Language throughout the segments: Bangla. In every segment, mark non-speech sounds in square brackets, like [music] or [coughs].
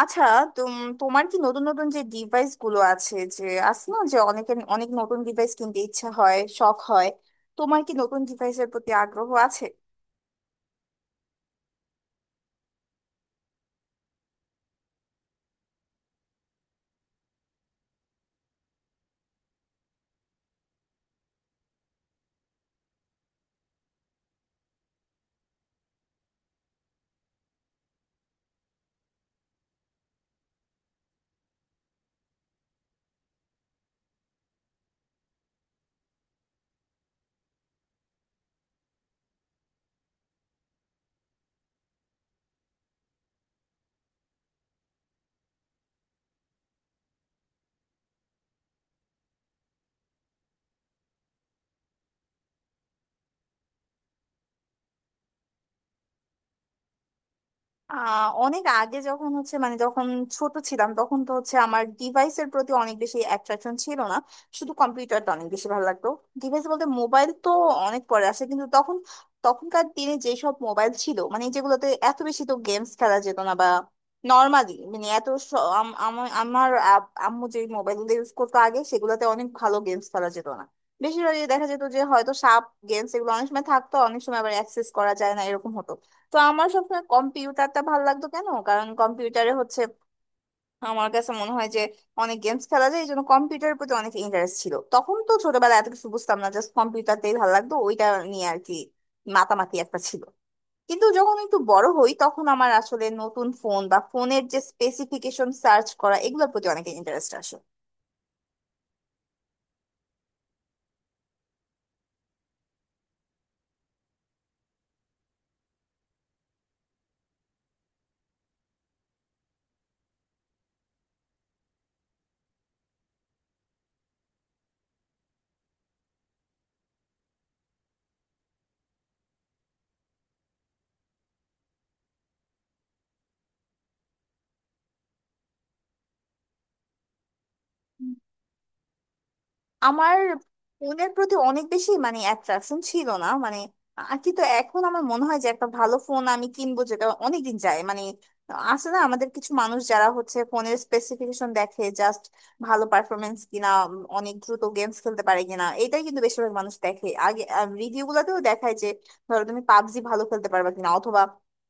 আচ্ছা, তুম তোমার কি নতুন নতুন যে ডিভাইস গুলো আছে, যে আছে না যে অনেকের অনেক নতুন ডিভাইস কিনতে ইচ্ছা হয়, শখ হয়? তোমার কি নতুন ডিভাইসের প্রতি আগ্রহ আছে? অনেক আগে যখন হচ্ছে মানে যখন ছোট ছিলাম তখন তো হচ্ছে আমার ডিভাইসের প্রতি অনেক বেশি অ্যাট্রাকশন ছিল না। শুধু কম্পিউটারটা অনেক বেশি ভালো লাগতো। ডিভাইস বলতে মোবাইল তো অনেক পরে আসে, কিন্তু তখন তখনকার দিনে যেসব মোবাইল ছিল মানে যেগুলোতে এত বেশি তো গেমস খেলা যেত না, বা নর্মালি মানে এত আমার আম্মু যে মোবাইলগুলো ইউজ করতো আগে সেগুলোতে অনেক ভালো গেমস খেলা যেত না। বেশিরভাগই দেখা যেত যে হয়তো সাপ গেমস, এগুলো অনেক সময় থাকতো, অনেক সময় আবার অ্যাক্সেস করা যায় না এরকম হতো। তো আমার সবসময় কম্পিউটারটা ভালো লাগতো। কেন? কারণ কম্পিউটারে হচ্ছে আমার কাছে মনে হয় যে অনেক গেমস খেলা যায়, এই জন্য কম্পিউটারের প্রতি অনেক ইন্টারেস্ট ছিল। তখন তো ছোটবেলায় এত কিছু বুঝতাম না, জাস্ট কম্পিউটারটাই ভালো লাগতো। ওইটা নিয়ে আর কি মাতামাতি একটা ছিল। কিন্তু যখন একটু বড় হই তখন আমার আসলে নতুন ফোন বা ফোনের যে স্পেসিফিকেশন সার্চ করা এগুলোর প্রতি অনেক ইন্টারেস্ট আসে। আমার ফোনের প্রতি অনেক বেশি মানে অ্যাট্রাকশন ছিল না মানে কিন্তু এখন আমার মনে হয় যে একটা ভালো ফোন আমি কিনবো যেটা অনেকদিন যায়। মানে আছে না আমাদের কিছু মানুষ যারা হচ্ছে ফোনের স্পেসিফিকেশন দেখে? জাস্ট ভালো পারফরমেন্স কিনা, অনেক দ্রুত গেমস খেলতে পারে কিনা, এটাই কিন্তু বেশিরভাগ মানুষ দেখে আগে। রিভিউ গুলাতেও দেখায় যে ধরো তুমি পাবজি ভালো খেলতে পারবে কিনা, অথবা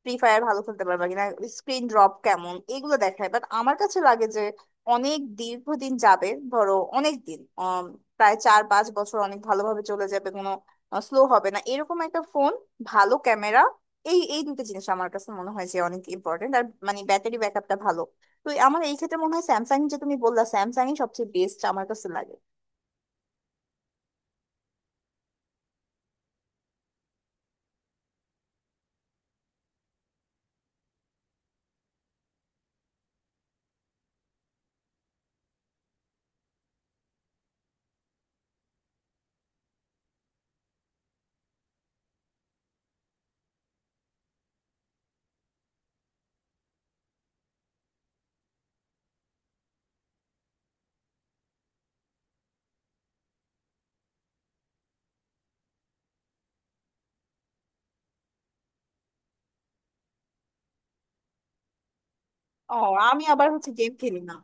ফ্রি ফায়ার ভালো খেলতে পারবে কিনা, স্ক্রিন ড্রপ কেমন, এগুলো দেখায়। বাট আমার কাছে লাগে অনেক দীর্ঘদিন যাবে, ধরো অনেক দিন, প্রায় 4-5 বছর অনেক ভালোভাবে চলে যাবে, কোনো স্লো হবে না এরকম একটা ফোন, ভালো ক্যামেরা, এই এই দুটো জিনিস আমার কাছে মনে হয় যে অনেক ইম্পর্টেন্ট, আর মানে ব্যাটারি ব্যাকআপটা ভালো। তো আমার এই ক্ষেত্রে মনে হয় স্যামসাং, যে তুমি বললা, স্যামসাংই সবচেয়ে বেস্ট আমার কাছে লাগে। ও, আমি আবার হচ্ছে গেম খেলি না।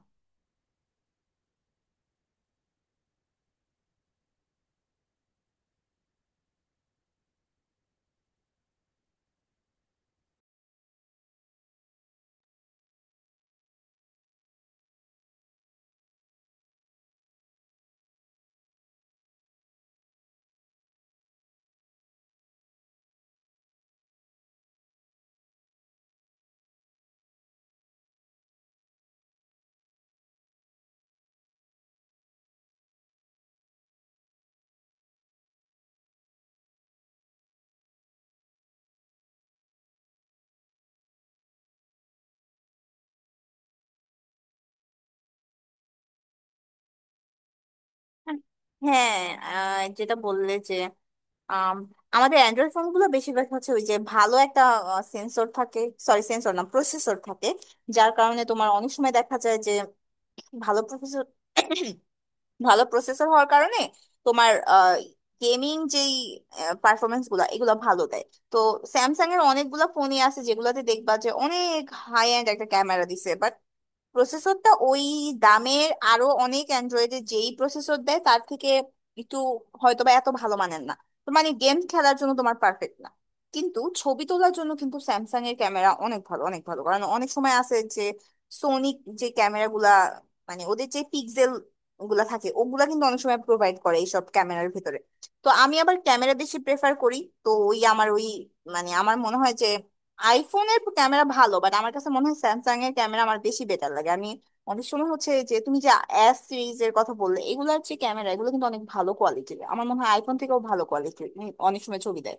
হ্যাঁ, যেটা বললে যে আম, আমাদের অ্যান্ড্রয়েড ফোন গুলো বেশিরভাগ হচ্ছে ওই যে ভালো একটা সেন্সর থাকে, সরি সেন্সর না প্রসেসর থাকে। যার কারণে তোমার অনেক সময় দেখা যায় যে ভালো প্রসেসর [coughs] ভালো প্রসেসর হওয়ার কারণে তোমার গেমিং যেই পারফরমেন্স গুলো এগুলো ভালো দেয়। তো স্যামসাং এর অনেকগুলো ফোনই আছে যেগুলোতে দেখবা যে অনেক হাই এন্ড একটা ক্যামেরা দিছে, প্রসেসরটা ওই দামের আরো অনেক অ্যান্ড্রয়েডে যেই প্রসেসর দেয় তার থেকে একটু হয়তো বা এত ভালো মানের না। তো মানে গেম খেলার জন্য তোমার পারফেক্ট না, কিন্তু ছবি তোলার জন্য কিন্তু স্যামসাং এর ক্যামেরা অনেক ভালো, অনেক ভালো, কারণ অনেক সময় আছে যে সোনি যে ক্যামেরা গুলা, মানে ওদের যে পিক্সেল গুলা থাকে, ওগুলা কিন্তু অনেক সময় প্রোভাইড করে এইসব ক্যামেরার ভিতরে। তো আমি আবার ক্যামেরা বেশি প্রেফার করি। তো ওই আমার ওই মানে আমার মনে হয় যে আইফোনের ক্যামেরা ভালো, বাট আমার কাছে মনে হয় স্যামসাং এর ক্যামেরা আমার বেশি বেটার লাগে। আমি অনেক সময় হচ্ছে, যে তুমি যে এস সিরিজের কথা বললে, এগুলার যে ক্যামেরা এগুলো কিন্তু অনেক ভালো কোয়ালিটির, আমার মনে হয় আইফোন থেকেও ভালো কোয়ালিটির অনেক সময় ছবি দেয়।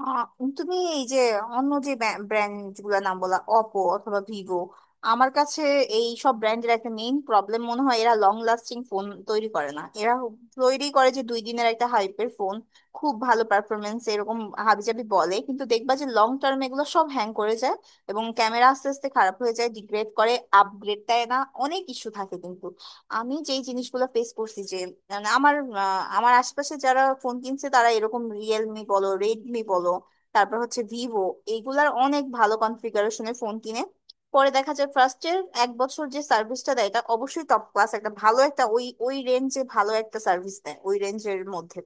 আহ, তুমি এই যে অন্য যে ব্র্যান্ড গুলো নাম বলা, অপো অথবা ভিভো, আমার কাছে এই সব ব্র্যান্ডের একটা মেইন প্রবলেম মনে হয় এরা লং লাস্টিং ফোন তৈরি করে না। এরা তৈরি করে যে 2 দিনের একটা হাইপের ফোন, খুব ভালো পারফরমেন্স এরকম হাবিজাবি বলে, কিন্তু দেখবা যে লং টার্মে এগুলো সব হ্যাং করে যায়, এবং ক্যামেরা আস্তে আস্তে খারাপ হয়ে যায়, ডিগ্রেড করে, আপগ্রেড দেয় না, অনেক ইস্যু থাকে। কিন্তু আমি যেই জিনিসগুলো ফেস করছি যে মানে আমার আমার আশপাশে যারা ফোন কিনছে তারা এরকম রিয়েলমি বলো, রেডমি বলো, তারপর হচ্ছে ভিভো, এইগুলার অনেক ভালো কনফিগারেশনের ফোন কিনে পরে দেখা যায় ফার্স্টের 1 বছর যে সার্ভিসটা দেয় এটা অবশ্যই টপ ক্লাস, একটা ভালো একটা ওই ওই রেঞ্জে ভালো একটা সার্ভিস দেয়, ওই রেঞ্জের মধ্যে।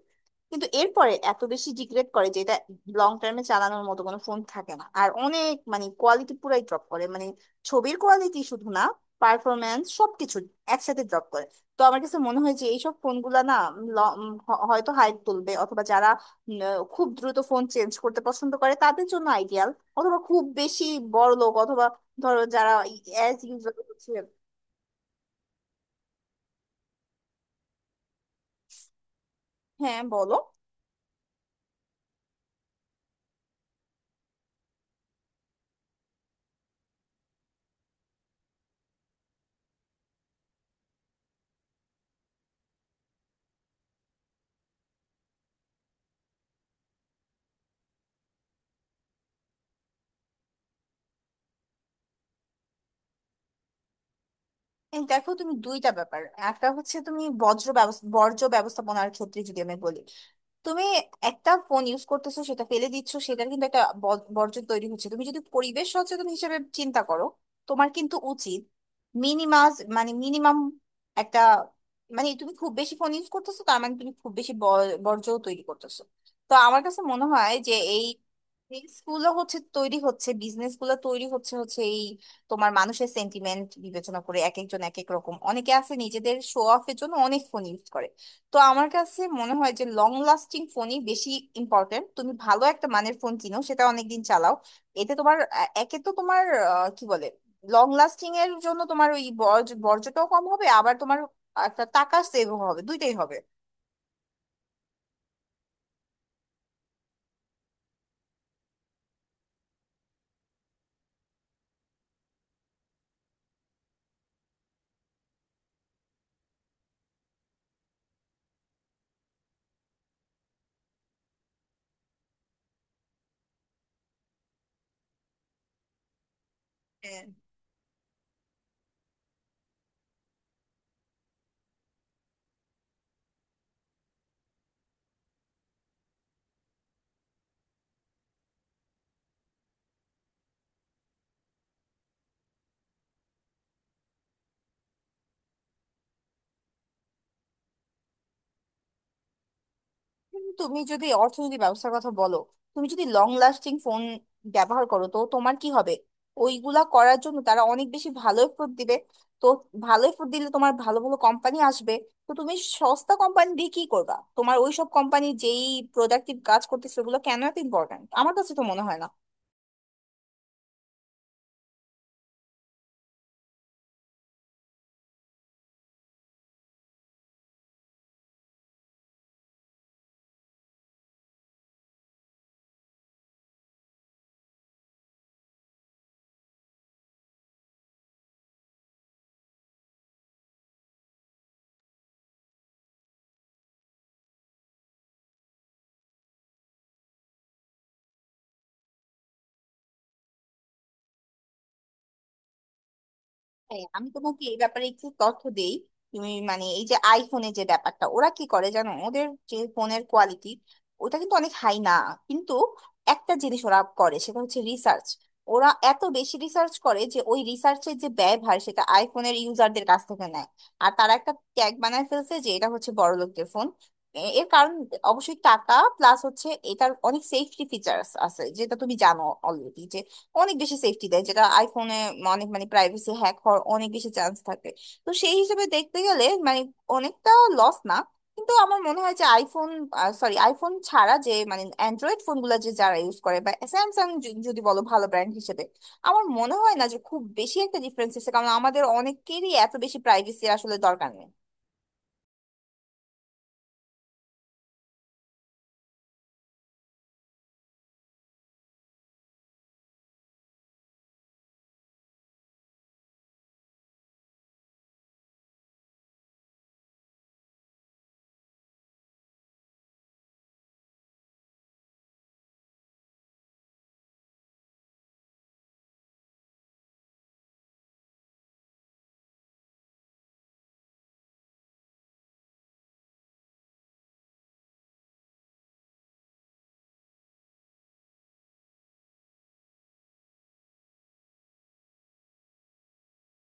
কিন্তু এরপরে এত বেশি ডিগ্রেড করে যে এটা লং টার্মে চালানোর মতো কোনো ফোন থাকে না, আর অনেক মানে কোয়ালিটি পুরাই ড্রপ করে, মানে ছবির কোয়ালিটি শুধু না, পারফরমেন্স সবকিছু একসাথে ড্রপ করে। তো আমার কাছে মনে হয় যে এইসব ফোনগুলা না হয়তো হাইপ তুলবে, অথবা যারা উম, খুব দ্রুত ফোন চেঞ্জ করতে পছন্দ করে তাদের জন্য আইডিয়াল, অথবা খুব বেশি বড় লোক, অথবা ধরো যারা অ্যাজ ইউজুয়াল হচ্ছে। হ্যাঁ, বলো। এই দেখো তুমি দুইটা ব্যাপার। একটা হচ্ছে তুমি বজ্র ব্যবস্থা বর্জ্য ব্যবস্থাপনার ক্ষেত্রে যদি আমি বলি, তুমি একটা ফোন ইউজ করতেছো, সেটা ফেলে দিচ্ছ, সেটার কিন্তু একটা বর্জ্য তৈরি হচ্ছে। তুমি যদি পরিবেশ সচেতন হিসেবে চিন্তা করো, তোমার কিন্তু উচিত মিনিমাস মানে মিনিমাম একটা, মানে তুমি খুব বেশি ফোন ইউজ করতেছো, তার মানে তুমি খুব বেশি বর্জ্য তৈরি করতেছো। তো আমার কাছে মনে হয় যে এই স্কুলও হচ্ছে তৈরি হচ্ছে, বিজনেস গুলো তৈরি হচ্ছে, তোমার মানুষের সেন্টিমেন্ট বিবেচনা করে এক একজন এক এক রকম, অনেকে আছে নিজেদের শো অফের জন্য অনেক ফোন ইউজ করে। তো আমার কাছে মনে হয় যে লং লাস্টিং ফোনই বেশি ইম্পর্টেন্ট, তুমি ভালো একটা মানের ফোন কিনো সেটা অনেকদিন চালাও। এতে তোমার একে তো তোমার আহ, কি বলে লং লাস্টিং এর জন্য তোমার ওই বর্জ্যটাও কম হবে, আবার তোমার একটা টাকা সেভ হবে, দুইটাই হবে। হ্যাঁ। কিন্তু তুমি যদি অর্থনৈতিক ব্যবস্থার কথা বলো, তুমি যদি লং লাস্টিং ফোন ব্যবহার করো তো তোমার কি হবে? ওইগুলা করার জন্য তারা অনেক বেশি ভালো এফোর্ট দিবে। তো ভালো এফোর্ট দিলে তোমার ভালো ভালো কোম্পানি আসবে। তো তুমি সস্তা কোম্পানি দিয়ে কি করবা? তোমার ওইসব কোম্পানি যেই প্রোডাক্টিভ কাজ করতেছে ওগুলো কেন এত ইম্পর্ট্যান্ট? আমার কাছে তো মনে হয় না। হ্যাঁ, আমি তোমাকে এই ব্যাপারে একটু তথ্য দেই। তুমি মানে এই যে আইফোনে যে ব্যাপারটা, ওরা কি করে জানো? ওদের যে ফোনের কোয়ালিটি ওটা কিন্তু অনেক হাই না, কিন্তু একটা জিনিস ওরা করে সেটা হচ্ছে রিসার্চ। ওরা এত বেশি রিসার্চ করে যে ওই রিসার্চের যে ব্যয়ভার সেটা আইফোনের ইউজারদের কাছ থেকে নেয়। আর তারা একটা ট্যাগ বানায় ফেলছে যে এটা হচ্ছে বড়লোকদের ফোন। এর কারণ অবশ্যই টাকা, প্লাস হচ্ছে এটার অনেক সেফটি ফিচার্স আছে যেটা তুমি জানো অলরেডি। অনেক বেশি সেফটি দেয় যেটা আইফোনে। অনেক মানে প্রাইভেসি হ্যাক হওয়ার অনেক বেশি চান্স থাকে। তো সেই হিসেবে দেখতে গেলে মানে অনেকটা লস না। কিন্তু আমার মনে হয় যে আইফোন, সরি আইফোন ছাড়া যে মানে অ্যান্ড্রয়েড ফোনগুলো যে যারা ইউজ করে, বা স্যামসাং যদি বলো ভালো ব্র্যান্ড হিসেবে, আমার মনে হয় না যে খুব বেশি একটা ডিফারেন্স আছে কারণ আমাদের অনেকেরই এত বেশি প্রাইভেসির আসলে দরকার নেই।